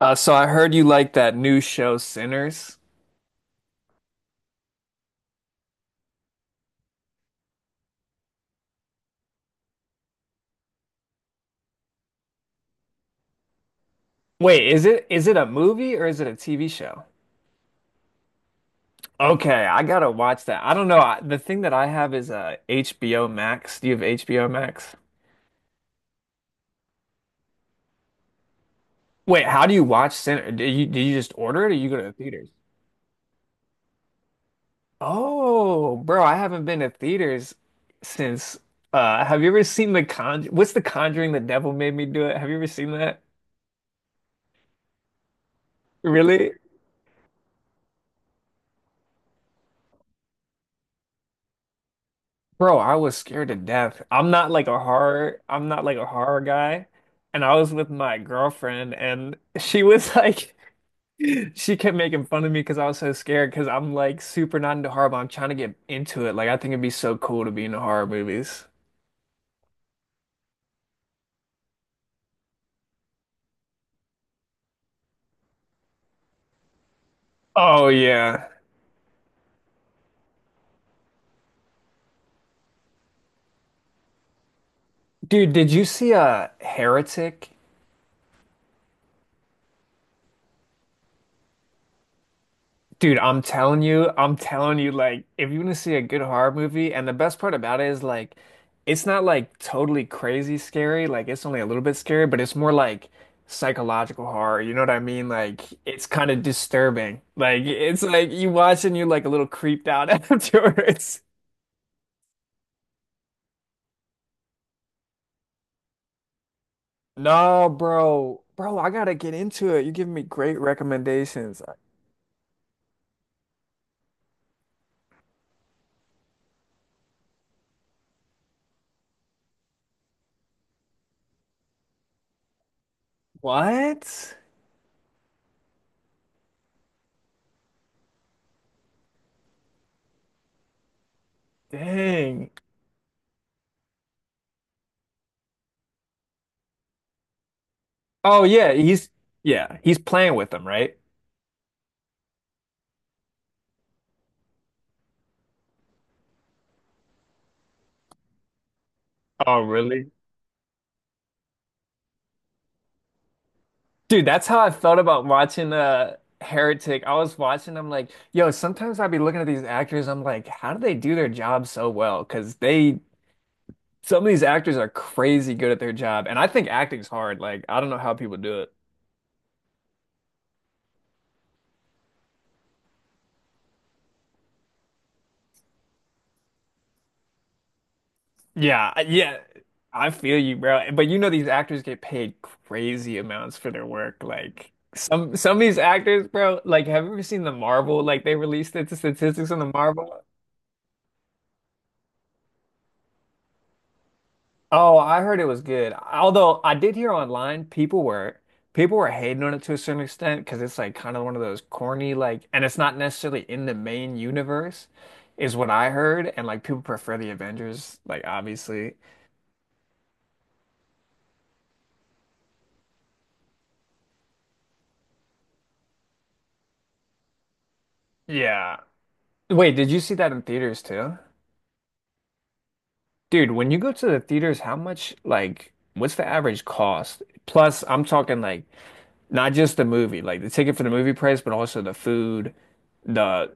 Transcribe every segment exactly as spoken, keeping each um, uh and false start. Uh, so I heard you like that new show, Sinners. Wait, is it is it a movie or is it a T V show? Okay, I gotta watch that. I don't know. I, the thing that I have is uh, H B O Max. Do you have H B O Max? Wait, how do you watch Sinners? Do you do you just order it or you go to the theaters? Oh, bro, I haven't been to theaters since. Uh, have you ever seen The Conj? What's The Conjuring? The Devil Made Me Do It. Have you ever seen that? Really? Bro, I was scared to death. I'm not like a horror, I'm not like a horror guy. And I was with my girlfriend and she was like she kept making fun of me because I was so scared because I'm like super not into horror, but I'm trying to get into it. Like I think it'd be so cool to be in the horror movies. Oh yeah. Dude, did you see uh Heretic? Dude, I'm telling you, I'm telling you, like, if you want to see a good horror movie, and the best part about it is, like, it's not like totally crazy scary, like, it's only a little bit scary, but it's more like psychological horror. You know what I mean? Like, it's kind of disturbing. Like, it's like you watch and you're like a little creeped out afterwards. No, bro, bro, I gotta get into it. You're giving me great recommendations. What? Dang. Oh, yeah, he's, yeah, he's playing with them, right? Oh, really? Dude, that's how I felt about watching uh Heretic. I was watching, I'm like, yo, sometimes I'd be looking at these actors, I'm like, how do they do their job so well? Because they some of these actors are crazy good at their job. And I think acting's hard. Like, I don't know how people do it. Yeah, I- yeah. I feel you, bro. But you know these actors get paid crazy amounts for their work. Like some some of these actors, bro, like have you ever seen the Marvel? Like they released the statistics on the Marvel? Oh, I heard it was good. Although I did hear online people were people were hating on it to a certain extent because it's like kind of one of those corny like, and it's not necessarily in the main universe, is what I heard. And like people prefer the Avengers, like obviously. Yeah. Wait, did you see that in theaters too? Dude, when you go to the theaters, how much like what's the average cost? Plus, I'm talking like not just the movie, like the ticket for the movie price, but also the food, the.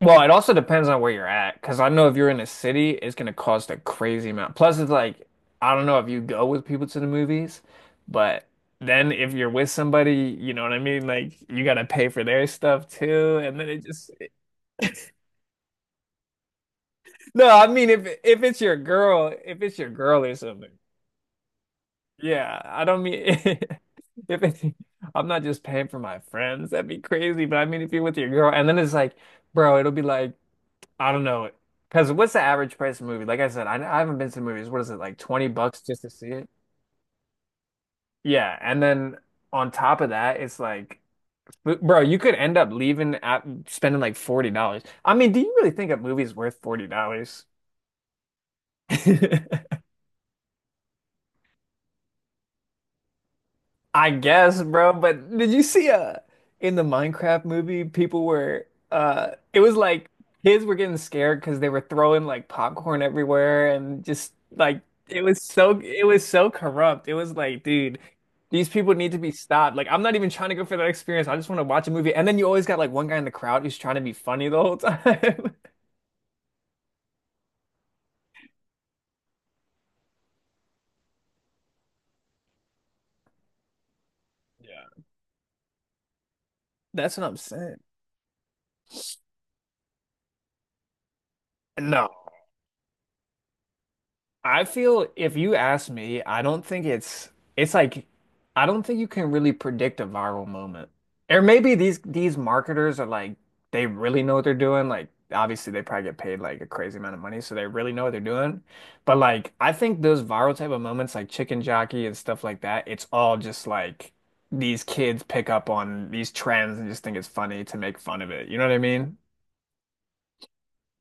Well, it also depends on where you're at, because I know if you're in a city, it's going to cost a crazy amount. Plus, it's like, I don't know if you go with people to the movies, but then if you're with somebody, you know what I mean? Like, you got to pay for their stuff too. And then it just, no, I mean, if if it's your girl, if it's your girl or something, yeah, I don't mean, if it, I'm not just paying for my friends, that'd be crazy. But I mean, if you're with your girl, and then it's like, bro, it'll be like, I don't know. Because what's the average price of a movie? Like I said, I, I haven't been to the movies. What is it, like twenty bucks just to see it? Yeah. And then on top of that, it's like, bro, you could end up leaving at spending like forty dollars. I mean, do you really think a movie's worth forty dollars? I guess, bro. But did you see uh in the Minecraft movie, people were uh it was like kids were getting scared because they were throwing like popcorn everywhere and just like it was so it was so corrupt. It was like, dude, these people need to be stopped. Like I'm not even trying to go for that experience. I just want to watch a movie. And then you always got like one guy in the crowd who's trying to be funny the whole time. Yeah. That's what I'm saying. No. I feel if you ask me, I don't think it's it's like I don't think you can really predict a viral moment. Or maybe these these marketers are like they really know what they're doing. Like obviously they probably get paid like a crazy amount of money, so they really know what they're doing. But like I think those viral type of moments like Chicken Jockey and stuff like that, it's all just like these kids pick up on these trends and just think it's funny to make fun of it. You know what I mean?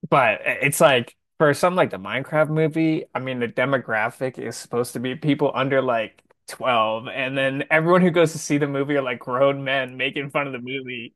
But it's like for something like the Minecraft movie, I mean, the demographic is supposed to be people under like twelve, and then everyone who goes to see the movie are like grown men making fun of the movie.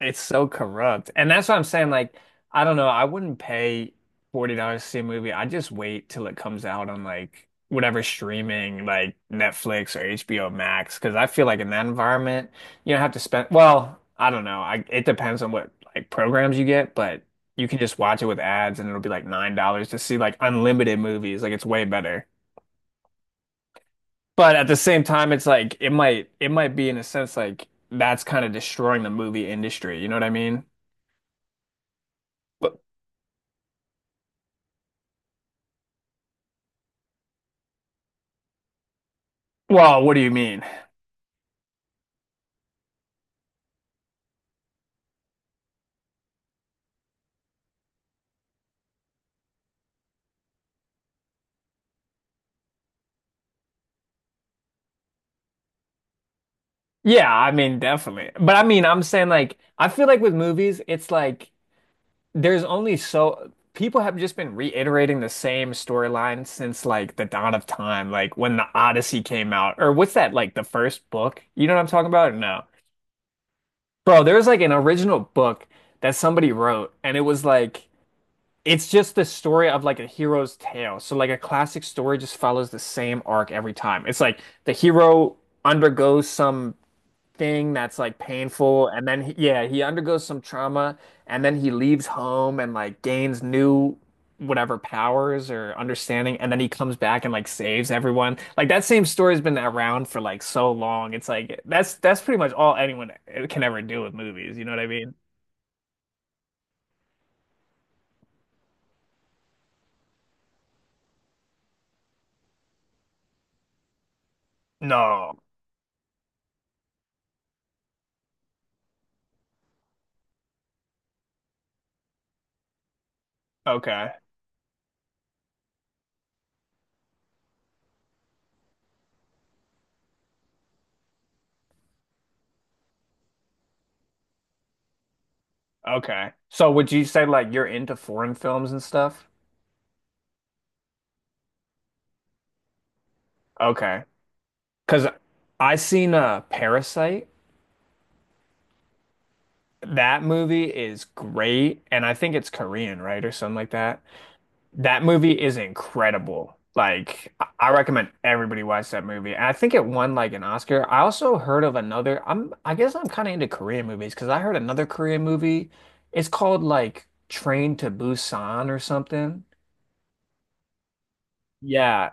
It's so corrupt. And that's what I'm saying. Like, I don't know. I wouldn't pay forty dollars to see a movie. I'd just wait till it comes out on like whatever streaming, like Netflix or H B O Max. Cause I feel like in that environment, you don't have to spend, well, I don't know. I, it depends on what like programs you get, but you can just watch it with ads and it'll be like nine dollars to see like unlimited movies. Like, it's way better. But at the same time, it's like it might it might be in a sense like that's kind of destroying the movie industry. You know what I mean? Well, what do you mean? Yeah, I mean, definitely. But I mean, I'm saying like I feel like with movies, it's like there's only so people have just been reiterating the same storyline since like the dawn of time, like when the Odyssey came out, or what's that like the first book? You know what I'm talking about? Or no. Bro, there was like an original book that somebody wrote, and it was like it's just the story of like a hero's tale. So like a classic story just follows the same arc every time. It's like the hero undergoes some thing that's like painful and then he, yeah he undergoes some trauma and then he leaves home and like gains new whatever powers or understanding and then he comes back and like saves everyone. Like that same story's been around for like so long. It's like that's that's pretty much all anyone eh, can ever do with movies, you know what I mean? No. Okay, okay, so would you say like you're into foreign films and stuff? Okay, because I seen uh Parasite. That movie is great, and I think it's Korean, right, or something like that. That movie is incredible. Like, I I recommend everybody watch that movie. And I think it won like an Oscar. I also heard of another. I'm, I guess I'm kind of into Korean movies because I heard another Korean movie. It's called like Train to Busan or something. Yeah,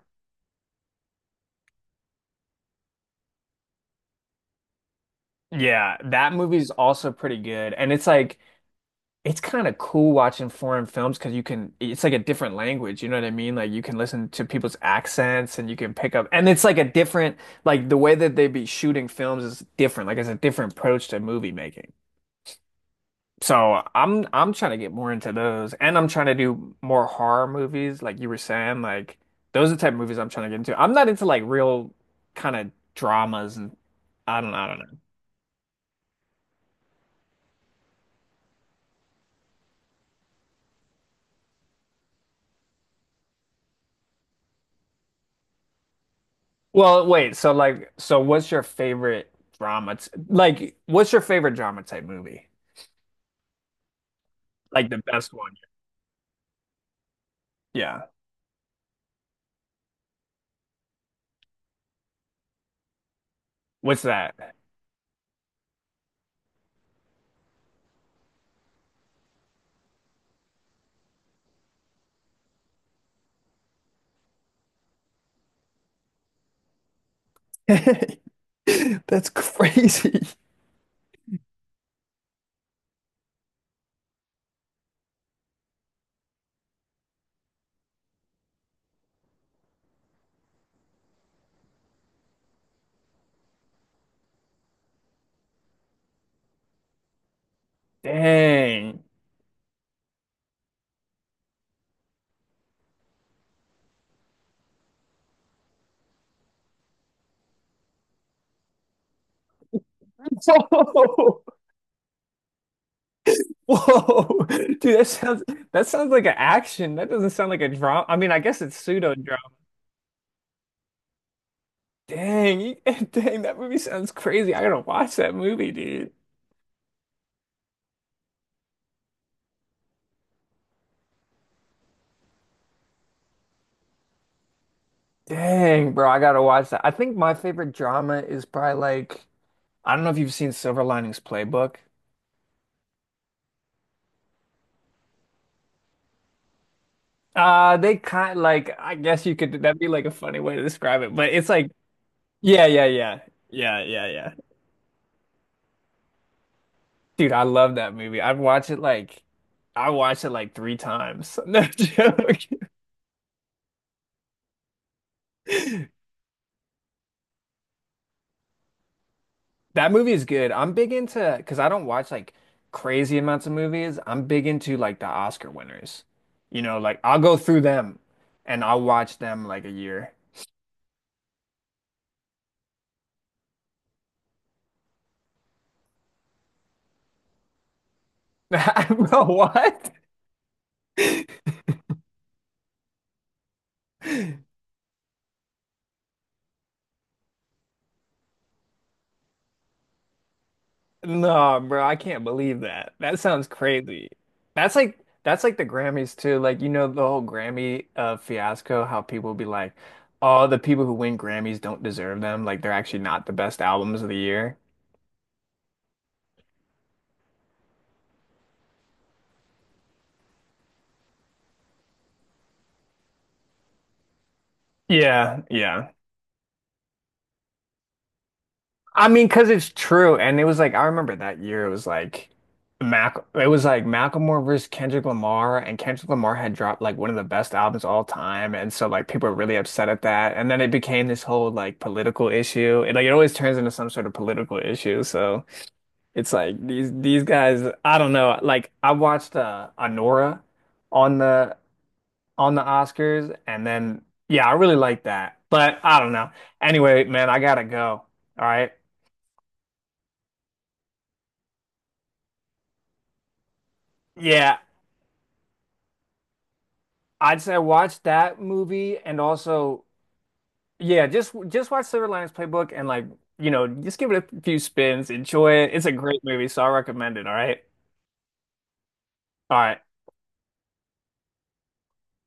yeah, that movie is also pretty good, and it's like it's kind of cool watching foreign films because you can, it's like a different language, you know what I mean? Like you can listen to people's accents and you can pick up, and it's like a different, like the way that they be shooting films is different, like it's a different approach to movie making. So I'm I'm trying to get more into those, and I'm trying to do more horror movies like you were saying. Like those are the type of movies I'm trying to get into. I'm not into like real kind of dramas, and I don't know I don't know. Well, wait, so like so what's your favorite drama t like what's your favorite drama type movie? Like the best one. Yeah. What's that? That's crazy. Dang. Whoa. Whoa. Dude, that sounds that sounds like an action. That doesn't sound like a drama. I mean, I guess it's pseudo drama. Dang. you- Dang, that movie sounds crazy. I gotta watch that movie, dude. Dang, bro, I gotta watch that. I think my favorite drama is probably like I don't know if you've seen Silver Linings Playbook. Uh, they kind like I guess you could that'd be like a funny way to describe it, but it's like yeah, yeah, yeah. Yeah, yeah, yeah. Dude, I love that movie. I've watched it like I watched it like three times. No joke. That movie is good. I'm big into because I don't watch like crazy amounts of movies. I'm big into like the Oscar winners. You know, like I'll go through them and I'll watch them like a year. Bro, what? No, bro, I can't believe that. That sounds crazy. That's like that's like the Grammys too. Like you know the whole Grammy uh fiasco, how people be like, "Oh, the people who win Grammys don't deserve them. Like they're actually not the best albums of the year." Yeah, yeah. I mean, because it's true. And it was like, I remember that year, it was like, Mac, it was like Macklemore versus Kendrick Lamar, and Kendrick Lamar had dropped like one of the best albums of all time. And so, like, people were really upset at that. And then it became this whole like political issue. It, like, it always turns into some sort of political issue. So it's like these, these guys, I don't know. Like, I watched uh, Anora on the, on the Oscars. And then, yeah, I really liked that. But I don't know. Anyway, man, I gotta go. All right. Yeah. I'd say I watched that movie and also yeah, just just watch Silver Linings Playbook and like, you know, just give it a few spins, enjoy it. It's a great movie, so I recommend it, all right? All right.